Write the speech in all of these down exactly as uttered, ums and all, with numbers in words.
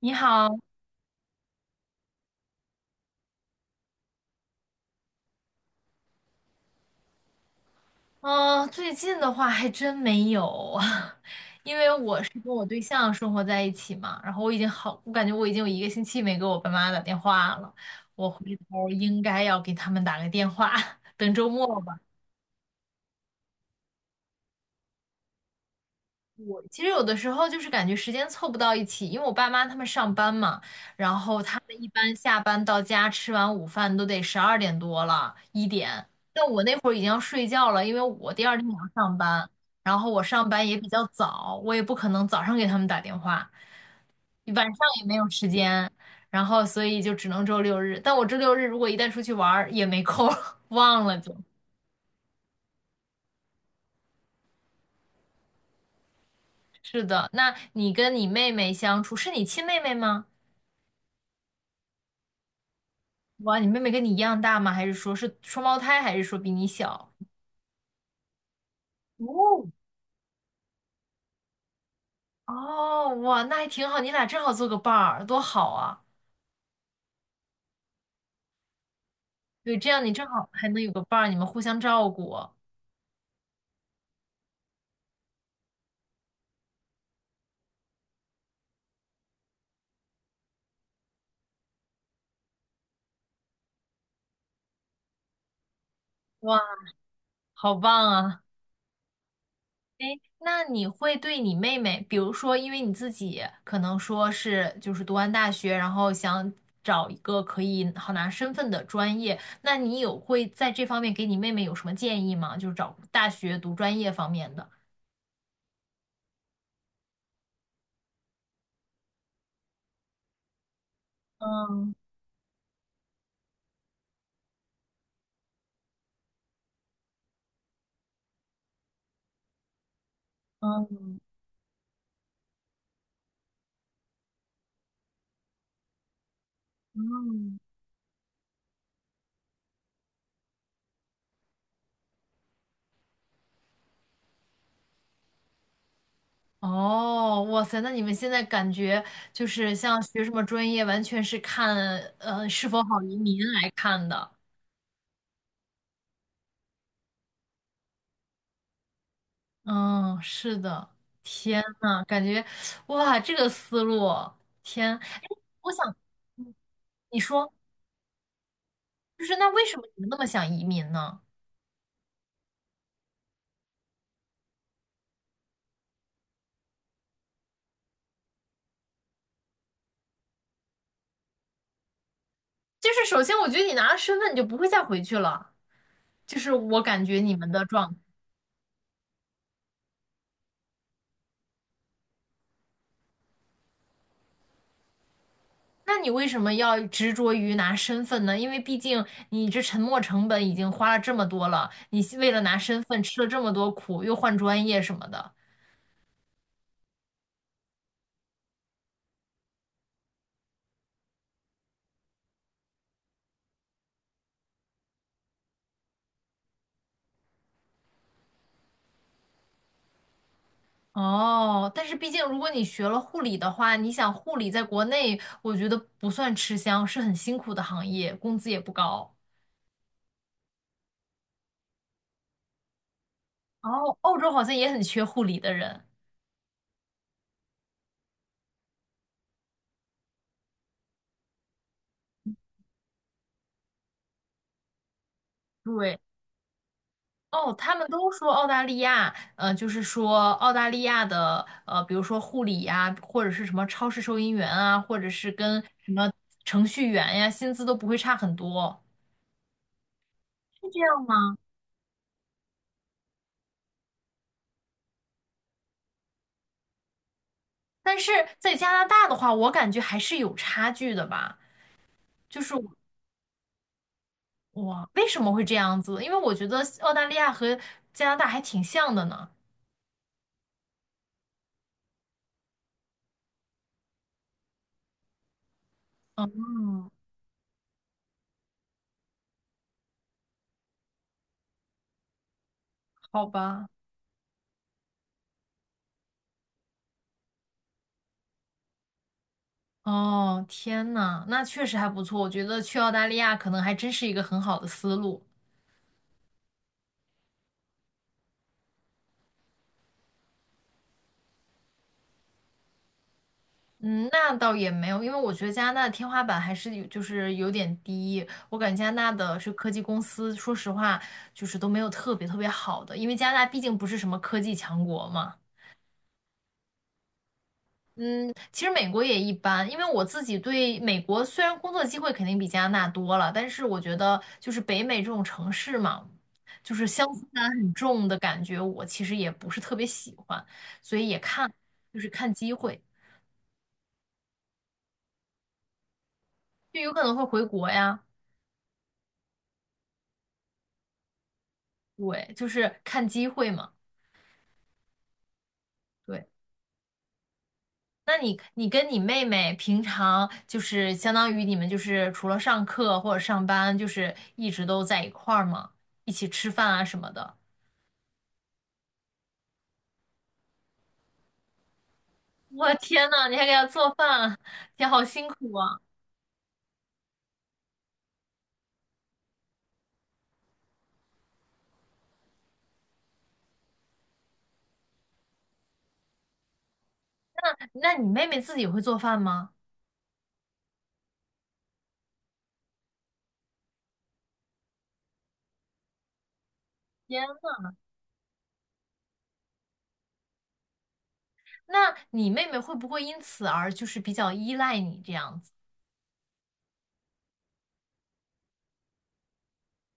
你好，嗯、最近的话还真没有，因为我是跟我对象生活在一起嘛，然后我已经好，我感觉我已经有一个星期没给我爸妈打电话了，我回头儿应该要给他们打个电话，等周末吧。我其实有的时候就是感觉时间凑不到一起，因为我爸妈他们上班嘛，然后他们一般下班到家吃完午饭都得十二点多了，一点。但我那会儿已经要睡觉了，因为我第二天也要上班，然后我上班也比较早，我也不可能早上给他们打电话，晚上也没有时间，然后所以就只能周六日。但我周六日如果一旦出去玩儿也没空儿 忘了就。是的，那你跟你妹妹相处，是你亲妹妹吗？哇，你妹妹跟你一样大吗？还是说是双胞胎，还是说比你小？哦，哦，哇，那还挺好，你俩正好做个伴儿，多好啊！对，这样你正好还能有个伴儿，你们互相照顾，哇，好棒啊！哎，那你会对你妹妹，比如说，因为你自己可能说是就是读完大学，然后想找一个可以好拿身份的专业，那你有会在这方面给你妹妹有什么建议吗？就是找大学读专业方面的。嗯嗯，嗯，哦，哇塞，那你们现在感觉就是像学什么专业，完全是看呃是否好移民来看的。嗯，是的，天呐，感觉哇，这个思路，天，哎，我想，嗯你说，就是那为什么你们那么想移民呢？就是首先，我觉得你拿了身份，你就不会再回去了，就是我感觉你们的状态。那你为什么要执着于拿身份呢？因为毕竟你这沉没成本已经花了这么多了，你为了拿身份吃了这么多苦，又换专业什么的。哦，但是毕竟如果你学了护理的话，你想护理在国内，我觉得不算吃香，是很辛苦的行业，工资也不高。哦，澳洲好像也很缺护理的人。对。哦，他们都说澳大利亚，呃，就是说澳大利亚的，呃，比如说护理呀、或者是什么超市收银员啊，或者是跟什么程序员呀，薪资都不会差很多，是这样吗？但是在加拿大的话，我感觉还是有差距的吧。就是哇，为什么会这样子？因为我觉得澳大利亚和加拿大还挺像的呢。嗯，好吧。哦，天呐，那确实还不错。我觉得去澳大利亚可能还真是一个很好的思路。嗯，那倒也没有，因为我觉得加拿大的天花板还是有，就是有点低。我感觉加拿大的是科技公司，说实话，就是都没有特别特别好的，因为加拿大毕竟不是什么科技强国嘛。嗯，其实美国也一般，因为我自己对美国虽然工作机会肯定比加拿大多了，但是我觉得就是北美这种城市嘛，就是乡村感很重的感觉，我其实也不是特别喜欢，所以也看，就是看机会，就有可能会回国呀。对，就是看机会嘛。对，那你你跟你妹妹平常就是相当于你们就是除了上课或者上班，就是一直都在一块儿吗？一起吃饭啊什么的。我天呐，你还给她做饭，天，好辛苦啊！那你妹妹自己会做饭吗？天，那你妹妹会不会因此而就是比较依赖你这样子？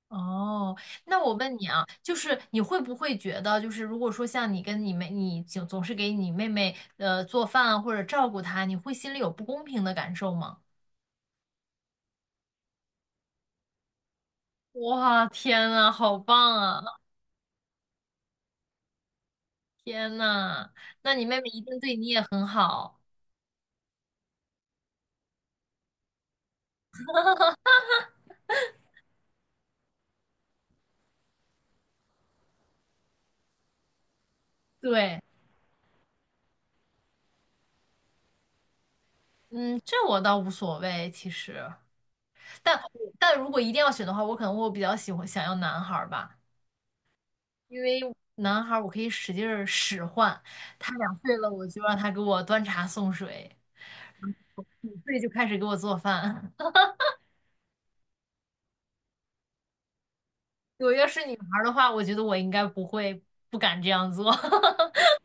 哦，那我问你啊，就是你会不会觉得，就是如果说像你跟你妹，你总总是给你妹妹呃做饭啊或者照顾她，你会心里有不公平的感受吗？哇，天呐，好棒啊！天呐，那你妹妹一定对你也很好。对，嗯，这我倒无所谓，其实，但但如果一定要选的话，我可能我比较喜欢想要男孩儿吧，因为男孩儿我可以使劲儿使唤，他两岁了，我就让他给我端茶送水。所以就开始给我做饭。我要是女孩的话，我觉得我应该不会不敢这样做。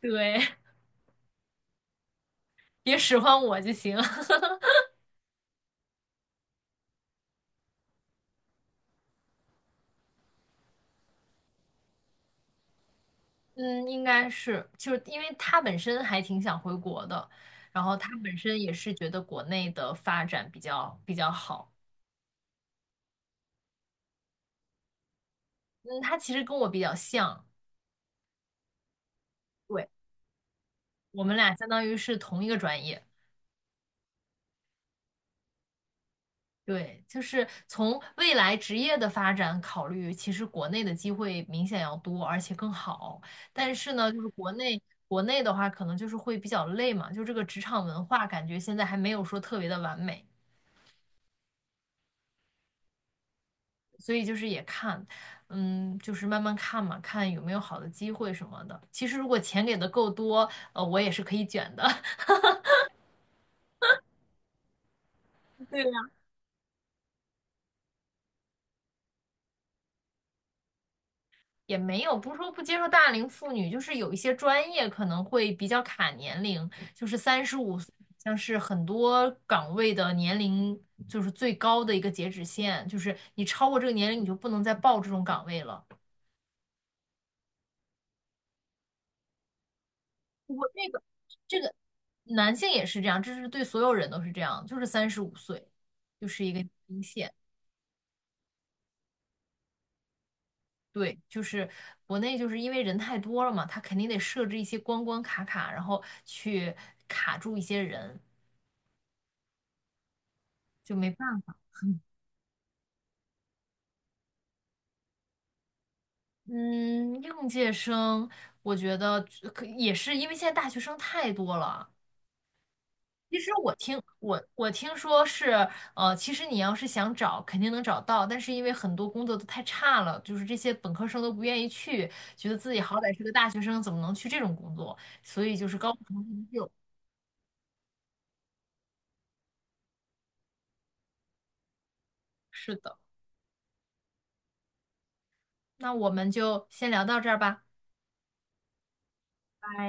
对，别使唤我就行。嗯，应该是，就是因为他本身还挺想回国的，然后他本身也是觉得国内的发展比较比较好。嗯，他其实跟我比较像，对，我们俩相当于是同一个专业。对，就是从未来职业的发展考虑，其实国内的机会明显要多，而且更好。但是呢，就是国内国内的话，可能就是会比较累嘛，就这个职场文化感觉现在还没有说特别的完美，所以就是也看，嗯，就是慢慢看嘛，看有没有好的机会什么的。其实如果钱给的够多，呃，我也是可以卷的。也没有，不是说不接受大龄妇女，就是有一些专业可能会比较卡年龄，就是三十五，像是很多岗位的年龄就是最高的一个截止线，就是你超过这个年龄，你就不能再报这种岗位了。我这个这个男性也是这样，这是对所有人都是这样，就是三十五岁，就是一个底线。对，就是国内就是因为人太多了嘛，他肯定得设置一些关关卡卡，然后去卡住一些人。就没办法。嗯，应届生，我觉得可也是因为现在大学生太多了。我我听说是，呃，其实你要是想找，肯定能找到，但是因为很多工作都太差了，就是这些本科生都不愿意去，觉得自己好歹是个大学生，怎么能去这种工作？所以就是高不成低不就。是的，那我们就先聊到这儿吧，拜。